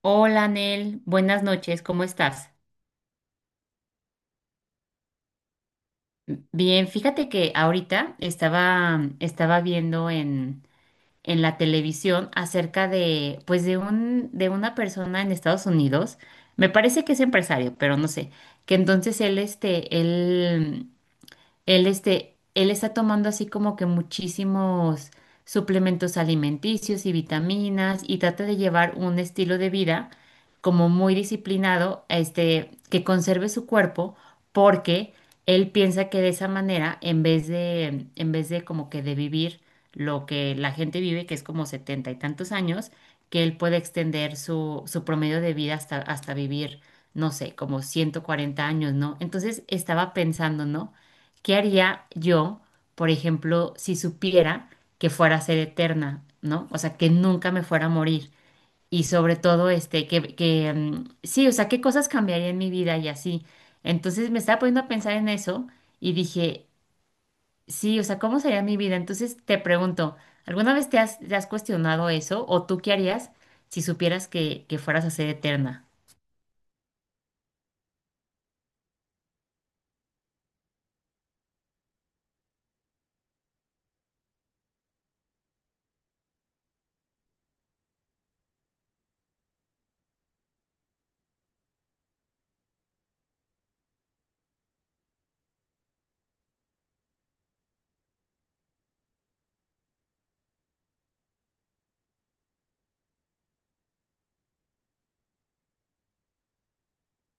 Hola, Nel, buenas noches, ¿cómo estás? Bien, fíjate que ahorita estaba viendo en la televisión acerca de, pues de una persona en Estados Unidos, me parece que es empresario, pero no sé. Que entonces él, este, él Él, este, él está tomando así como que muchísimos suplementos alimenticios y vitaminas y trata de llevar un estilo de vida como muy disciplinado, que conserve su cuerpo porque él piensa que de esa manera, en vez de como que de vivir lo que la gente vive, que es como 70 y tantos años, que él puede extender su promedio de vida hasta vivir, no sé, como 140 años, ¿no? Entonces estaba pensando, ¿no? ¿Qué haría yo, por ejemplo, si supiera que fuera a ser eterna? ¿No? O sea, que nunca me fuera a morir. Y sobre todo, sí, o sea, qué cosas cambiaría en mi vida y así. Entonces me estaba poniendo a pensar en eso y dije, sí, o sea, ¿cómo sería mi vida? Entonces te pregunto, ¿alguna vez te has cuestionado eso? ¿O tú qué harías si supieras que fueras a ser eterna?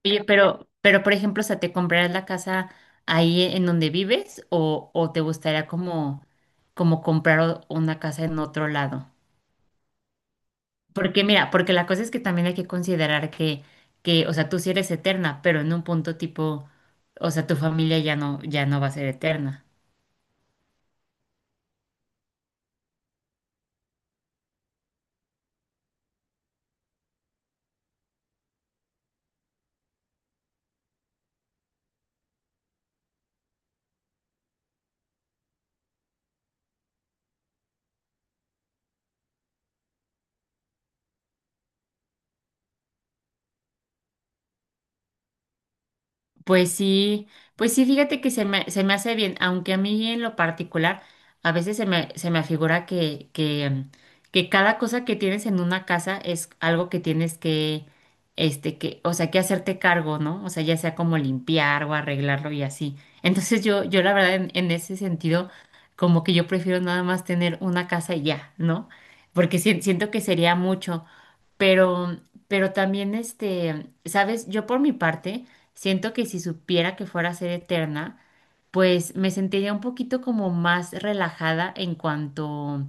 Oye, pero por ejemplo, o sea, ¿te comprarás la casa ahí en donde vives o te gustaría como comprar una casa en otro lado? Porque mira, porque la cosa es que también hay que considerar o sea, tú sí eres eterna, pero en un punto tipo, o sea, tu familia ya no va a ser eterna. Pues sí, pues sí, fíjate que se me hace bien, aunque a mí en lo particular a veces se me afigura que cada cosa que tienes en una casa es algo que tienes que, o sea, que hacerte cargo, ¿no? O sea, ya sea como limpiar o arreglarlo y así. Entonces yo la verdad en ese sentido, como que yo prefiero nada más tener una casa y ya, ¿no? Porque siento que sería mucho, pero, pero también, ¿sabes? Yo por mi parte. Siento que si supiera que fuera a ser eterna, pues me sentiría un poquito como más relajada en cuanto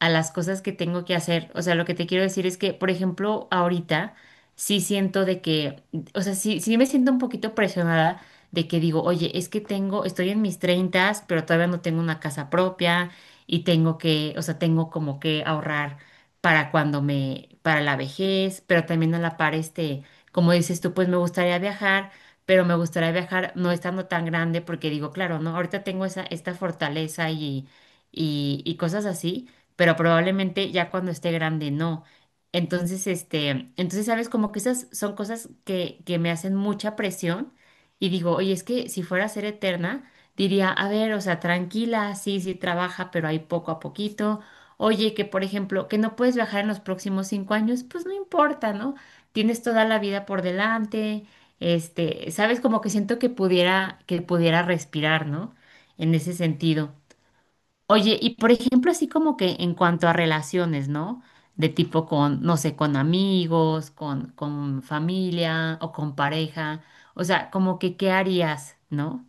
a las cosas que tengo que hacer. O sea, lo que te quiero decir es que, por ejemplo, ahorita sí siento de que, o sea, sí, sí me siento un poquito presionada de que digo, oye, es que estoy en mis treintas, pero todavía no tengo una casa propia y tengo que, o sea, tengo como que ahorrar para cuando me, para la vejez, pero también a la par, como dices tú, pues me gustaría viajar. Pero me gustaría viajar no estando tan grande porque digo, claro, ¿no? Ahorita tengo esa, esta fortaleza y cosas así, pero probablemente ya cuando esté grande no. Entonces, sabes, como que esas son cosas que me hacen mucha presión y digo, oye, es que si fuera a ser eterna, diría, a ver, o sea, tranquila, sí, sí trabaja, pero ahí poco a poquito. Oye, que por ejemplo, que no puedes viajar en los próximos 5 años, pues no importa, ¿no? Tienes toda la vida por delante, sabes, como que siento que pudiera respirar, ¿no? En ese sentido. Oye, y por ejemplo, así como que en cuanto a relaciones, ¿no? De tipo con, no sé, con amigos, con familia o con pareja. O sea, como que, ¿qué harías, no?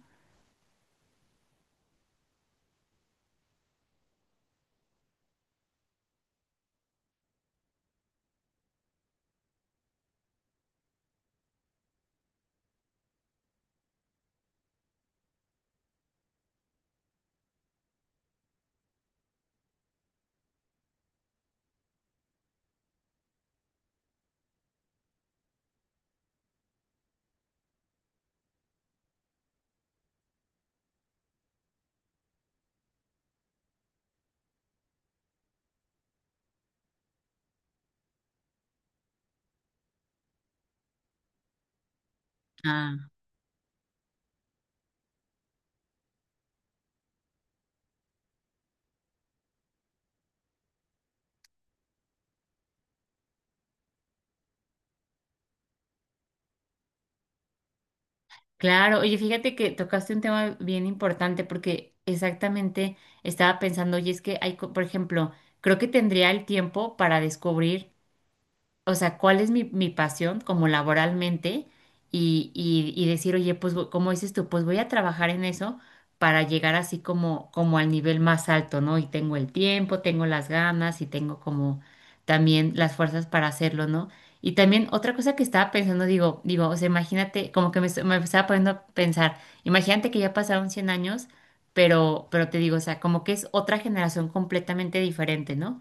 Ah, claro. Oye, fíjate que tocaste un tema bien importante porque exactamente estaba pensando, oye, es que hay, por ejemplo, creo que tendría el tiempo para descubrir, o sea, cuál es mi pasión como laboralmente y decir, oye, como dices tú, pues voy a trabajar en eso para llegar así como al nivel más alto, ¿no? Y tengo el tiempo, tengo las ganas y tengo como también las fuerzas para hacerlo, ¿no? Y también otra cosa que estaba pensando, digo, o sea, imagínate, como que me, est- me estaba poniendo a pensar, imagínate que ya pasaron 100 años, pero te digo, o sea, como que es otra generación completamente diferente, ¿no?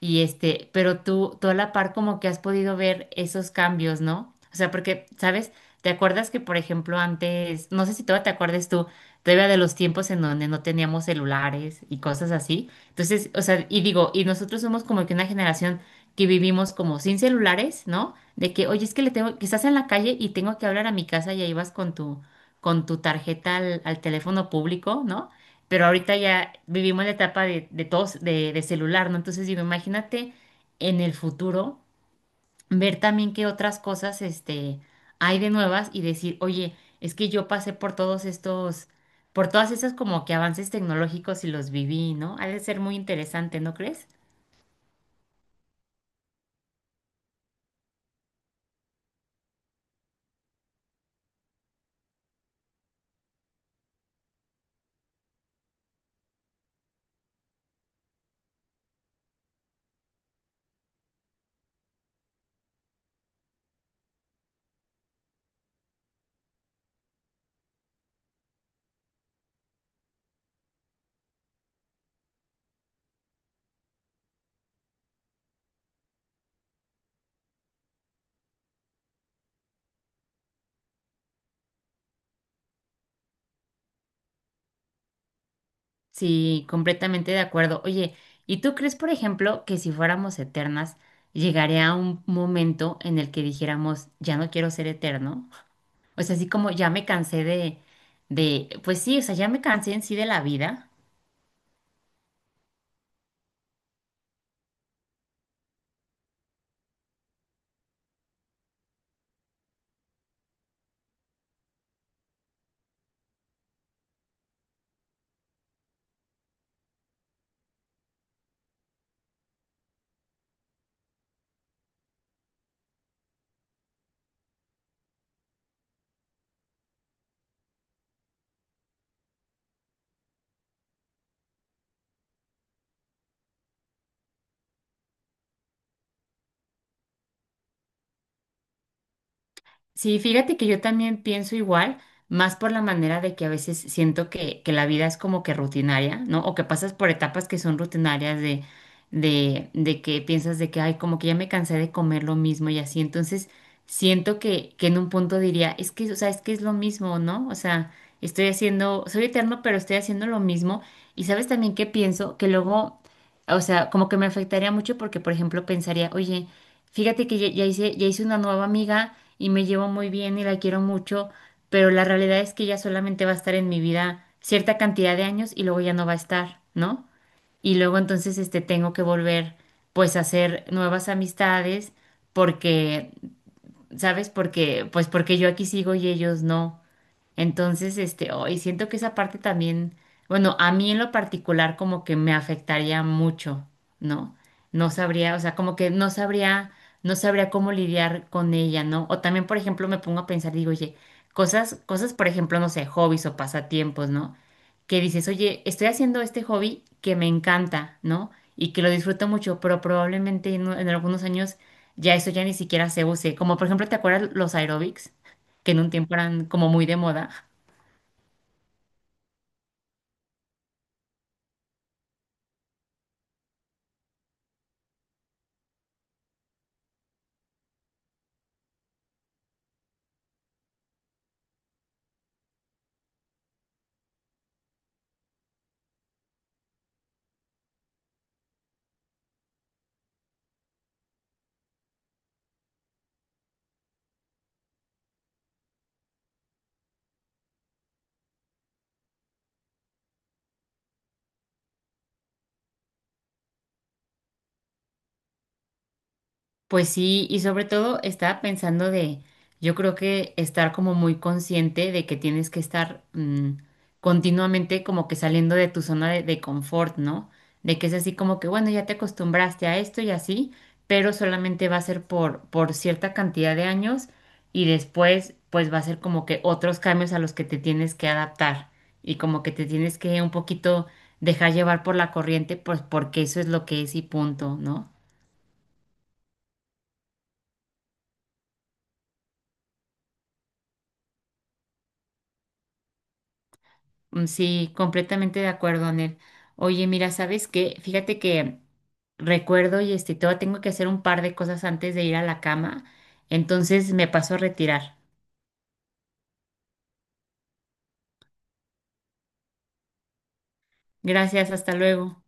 Y pero tú a la par como que has podido ver esos cambios, ¿no? O sea, porque, ¿sabes? ¿Te acuerdas que, por ejemplo, antes, no sé si todavía te acuerdas tú, todavía de los tiempos en donde no teníamos celulares y cosas así? Entonces, o sea, y digo, y nosotros somos como que una generación que vivimos como sin celulares, ¿no? De que, oye, es que le tengo, que estás en la calle y tengo que hablar a mi casa y ahí vas con tu tarjeta al teléfono público, ¿no? Pero ahorita ya vivimos la etapa de celular, ¿no? Entonces digo, imagínate en el futuro ver también qué otras cosas hay de nuevas y decir, oye, es que yo pasé por todos estos, por todas esas como que avances tecnológicos y los viví, ¿no? Ha de ser muy interesante, ¿no crees? Sí, completamente de acuerdo. Oye, ¿y tú crees, por ejemplo, que si fuéramos eternas, llegaría un momento en el que dijéramos, ya no quiero ser eterno? O sea, así como ya me cansé pues sí, o sea, ya me cansé en sí de la vida. Sí, fíjate que yo también pienso igual, más por la manera de que a veces siento que la vida es como que rutinaria, ¿no? O que pasas por etapas que son rutinarias de que piensas de que, ay, como que ya me cansé de comer lo mismo y así. Entonces, siento que en un punto diría, es que, o sea, es que es lo mismo, ¿no? O sea, estoy haciendo, soy eterno, pero estoy haciendo lo mismo. Y sabes también que pienso que luego, o sea, como que me afectaría mucho porque, por ejemplo, pensaría, oye, fíjate que ya hice una nueva amiga y me llevo muy bien y la quiero mucho, pero la realidad es que ella solamente va a estar en mi vida cierta cantidad de años y luego ya no va a estar, ¿no? Y luego entonces tengo que volver pues a hacer nuevas amistades porque, ¿sabes? Porque, pues porque yo aquí sigo y ellos no. Entonces, hoy siento que esa parte también, bueno, a mí en lo particular como que me afectaría mucho, ¿no? No sabría, o sea, como que no sabría, no sabría cómo lidiar con ella, ¿no? O también, por ejemplo, me pongo a pensar, digo, oye, cosas, por ejemplo, no sé, hobbies o pasatiempos, ¿no? Que dices, oye, estoy haciendo este hobby que me encanta, ¿no? Y que lo disfruto mucho, pero probablemente en algunos años ya eso ya ni siquiera se use. Como por ejemplo, ¿te acuerdas los aerobics? Que en un tiempo eran como muy de moda. Pues sí, y sobre todo estaba pensando de, yo creo que estar como muy consciente de que tienes que estar continuamente como que saliendo de tu zona de confort, ¿no? De que es así como que, bueno, ya te acostumbraste a esto y así, pero solamente va a ser por cierta cantidad de años y después pues va a ser como que otros cambios a los que te tienes que adaptar y como que te tienes que un poquito dejar llevar por la corriente, pues porque eso es lo que es y punto, ¿no? Mm, sí, completamente de acuerdo, Anel. Oye, mira, ¿sabes qué? Fíjate que recuerdo todavía tengo que hacer un par de cosas antes de ir a la cama, entonces me paso a retirar. Gracias, hasta luego.